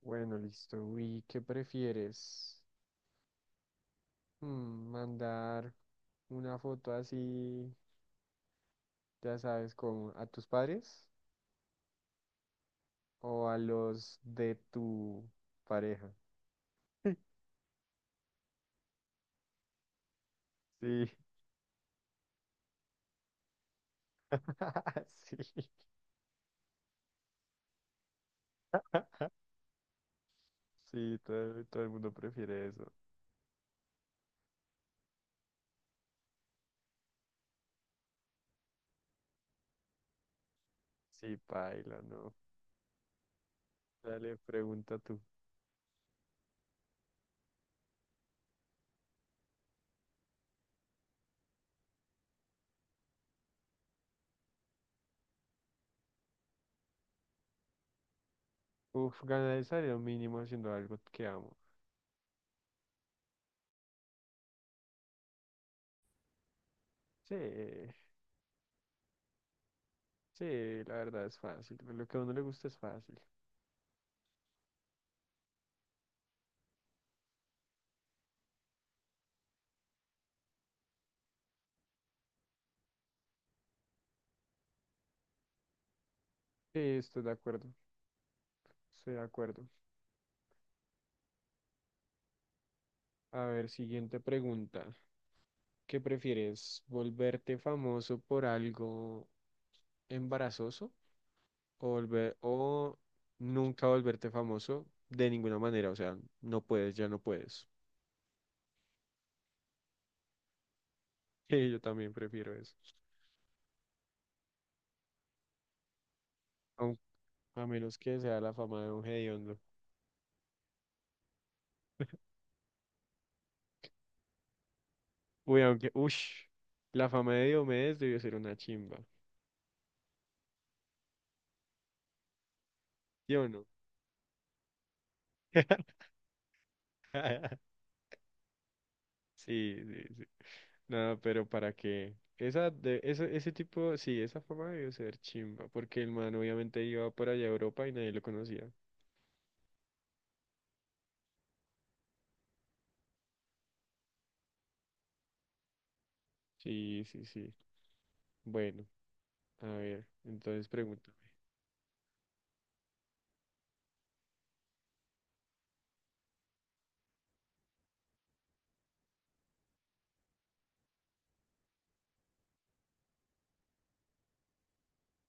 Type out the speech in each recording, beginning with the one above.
Bueno, listo. Uy, ¿qué prefieres? ¿Mandar una foto así, ya sabes, como a tus padres o a los de tu pareja? Sí, sí, sí, todo el mundo prefiere eso. Sí, paila, no. Dale, pregunta tú. Uf, ganar el salario mínimo haciendo algo que amo. Sí, sí, la verdad es fácil. Lo que a uno le gusta es fácil. Sí, estoy de acuerdo. Estoy de acuerdo. A ver, siguiente pregunta. ¿Qué prefieres? ¿Volverte famoso por algo embarazoso? ¿O nunca volverte famoso de ninguna manera? O sea, no puedes, ya no puedes. Sí, yo también prefiero eso. Aun- a menos que sea la fama de un hediondo. Uy, aunque, ush, la fama de Diomedes debió ser una chimba. ¿Sí o no? Sí, sí, sí. No, pero ¿para qué? Ese tipo, sí, esa fama debió ser chimba, porque el man obviamente iba por allá a Europa y nadie lo conocía. Sí, sí, sí. Bueno, a ver, entonces pregúntame.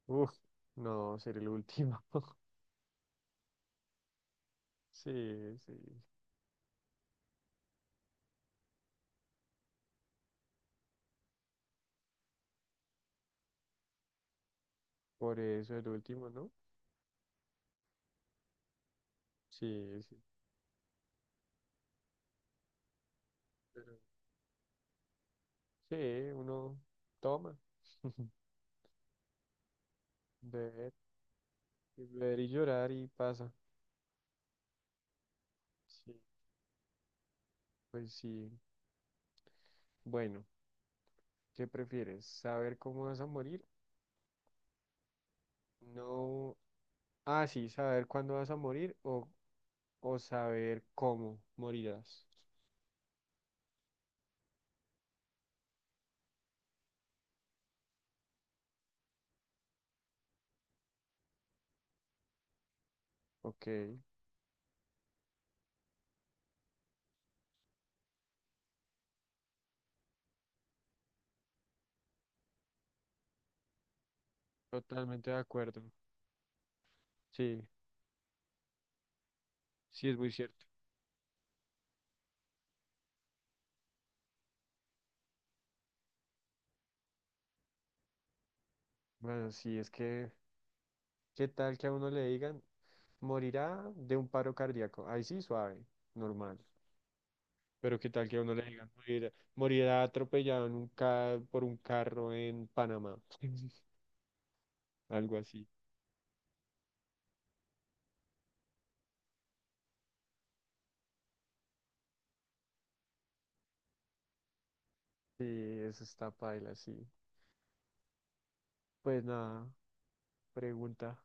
Uf, no, ser el último. Sí, sí. Por eso el último, ¿no? Sí, sí. Pero sí, uno toma, beber, y beber y llorar y pasa. Sí, pues sí. Bueno, ¿qué prefieres? ¿Saber cómo vas a morir? No. Ah, sí, saber cuándo vas a morir o saber cómo morirás. Ok, totalmente de acuerdo. Sí, sí es muy cierto. Bueno, sí, es que, ¿qué tal que a uno le digan, morirá de un paro cardíaco? Ahí sí, suave, normal. Pero ¿qué tal que a uno le digan, morirá atropellado en un por un carro en Panamá? Algo así. Sí, eso está paila, sí. Pues nada, pregunta.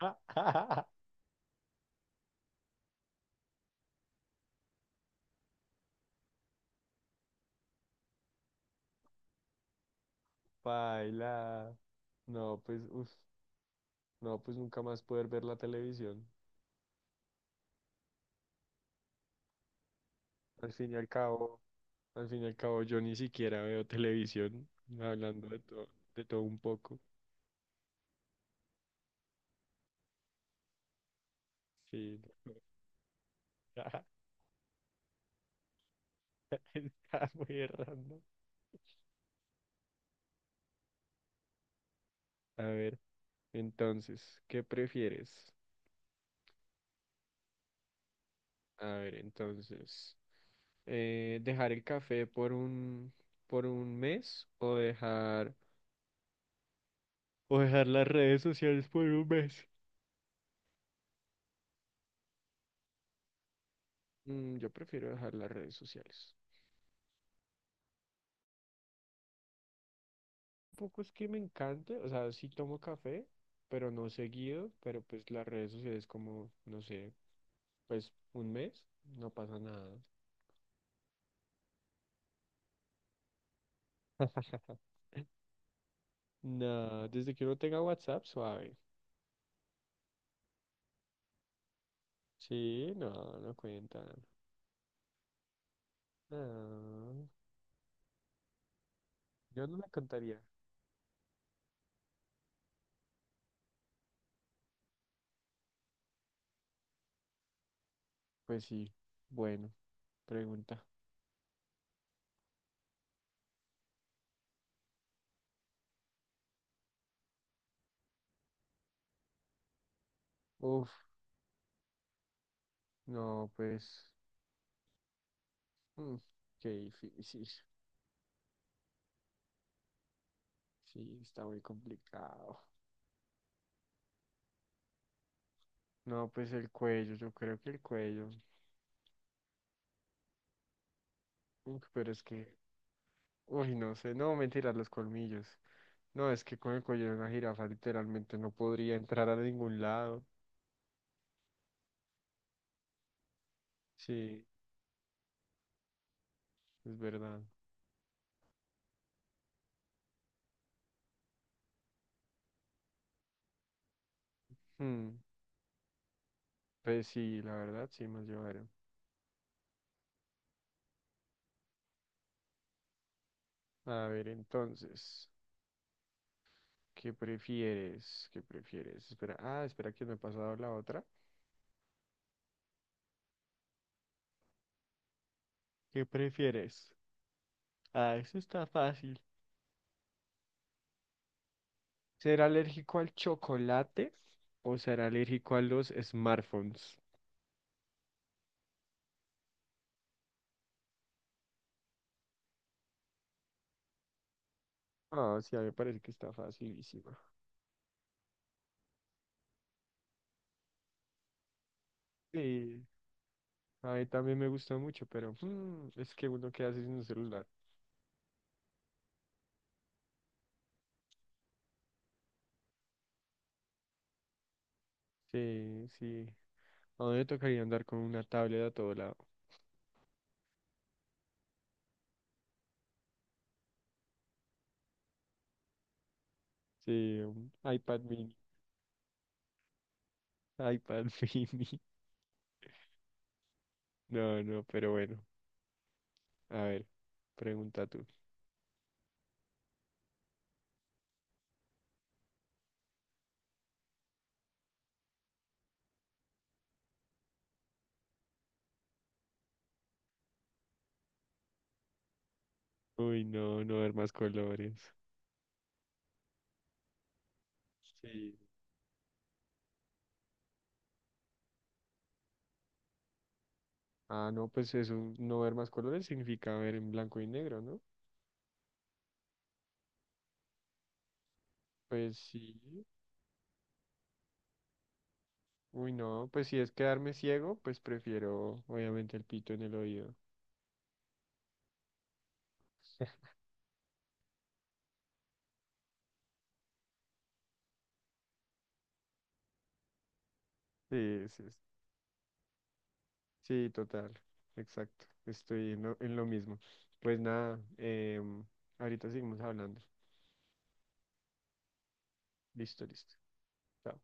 Paila. No, pues, uf, no, pues nunca más poder ver la televisión. Al fin y al cabo, Al fin y al cabo, yo ni siquiera veo televisión, hablando de todo un poco. Sí, no, está, muy random. A ver, entonces, ¿qué prefieres? A ver, entonces, ¿dejar el café por por un mes o o dejar las redes sociales por un mes? Mm, yo prefiero dejar las redes sociales. Poco es que me encante, o sea, sí tomo café, pero no seguido, pero pues las redes sociales como, no sé, pues un mes, no pasa nada. Nada, desde que uno tenga WhatsApp, suave. Sí, no, no cuentan. No, yo no la contaría. Pues sí, bueno, pregunta. Uf, no, pues, mm, qué difícil. Sí, está muy complicado. No, pues el cuello, yo creo que el cuello. Uf, pero es que uy, no sé, no, mentira, los colmillos. No, es que con el cuello de una jirafa literalmente no podría entrar a ningún lado. Sí, es verdad. Hmm, pues sí, la verdad, sí, más llevaron. A ver, entonces, ¿qué prefieres? ¿Qué prefieres? Espera, ah, espera que me he pasado la otra. ¿Qué prefieres? Ah, eso está fácil. ¿Ser alérgico al chocolate o ser alérgico a los smartphones? Ah, sí, a mí me parece que está facilísima. Sí. A mí también me gusta mucho, pero es que uno queda así sin un celular. Sí, sí. A mí me tocaría andar con una tablet a todo lado. Sí, un iPad mini. IPad mini. No, no, pero bueno. A ver, pregunta tú. Uy, no, no ver más colores. Sí. Ah, no, pues eso, no ver más colores significa ver en blanco y negro, ¿no? Pues sí. Uy, no, pues si es quedarme ciego, pues prefiero obviamente el pito en el oído. Sí, sí, sí, total, exacto. Estoy en en lo mismo. Pues nada, ahorita seguimos hablando. Listo, listo. Chao.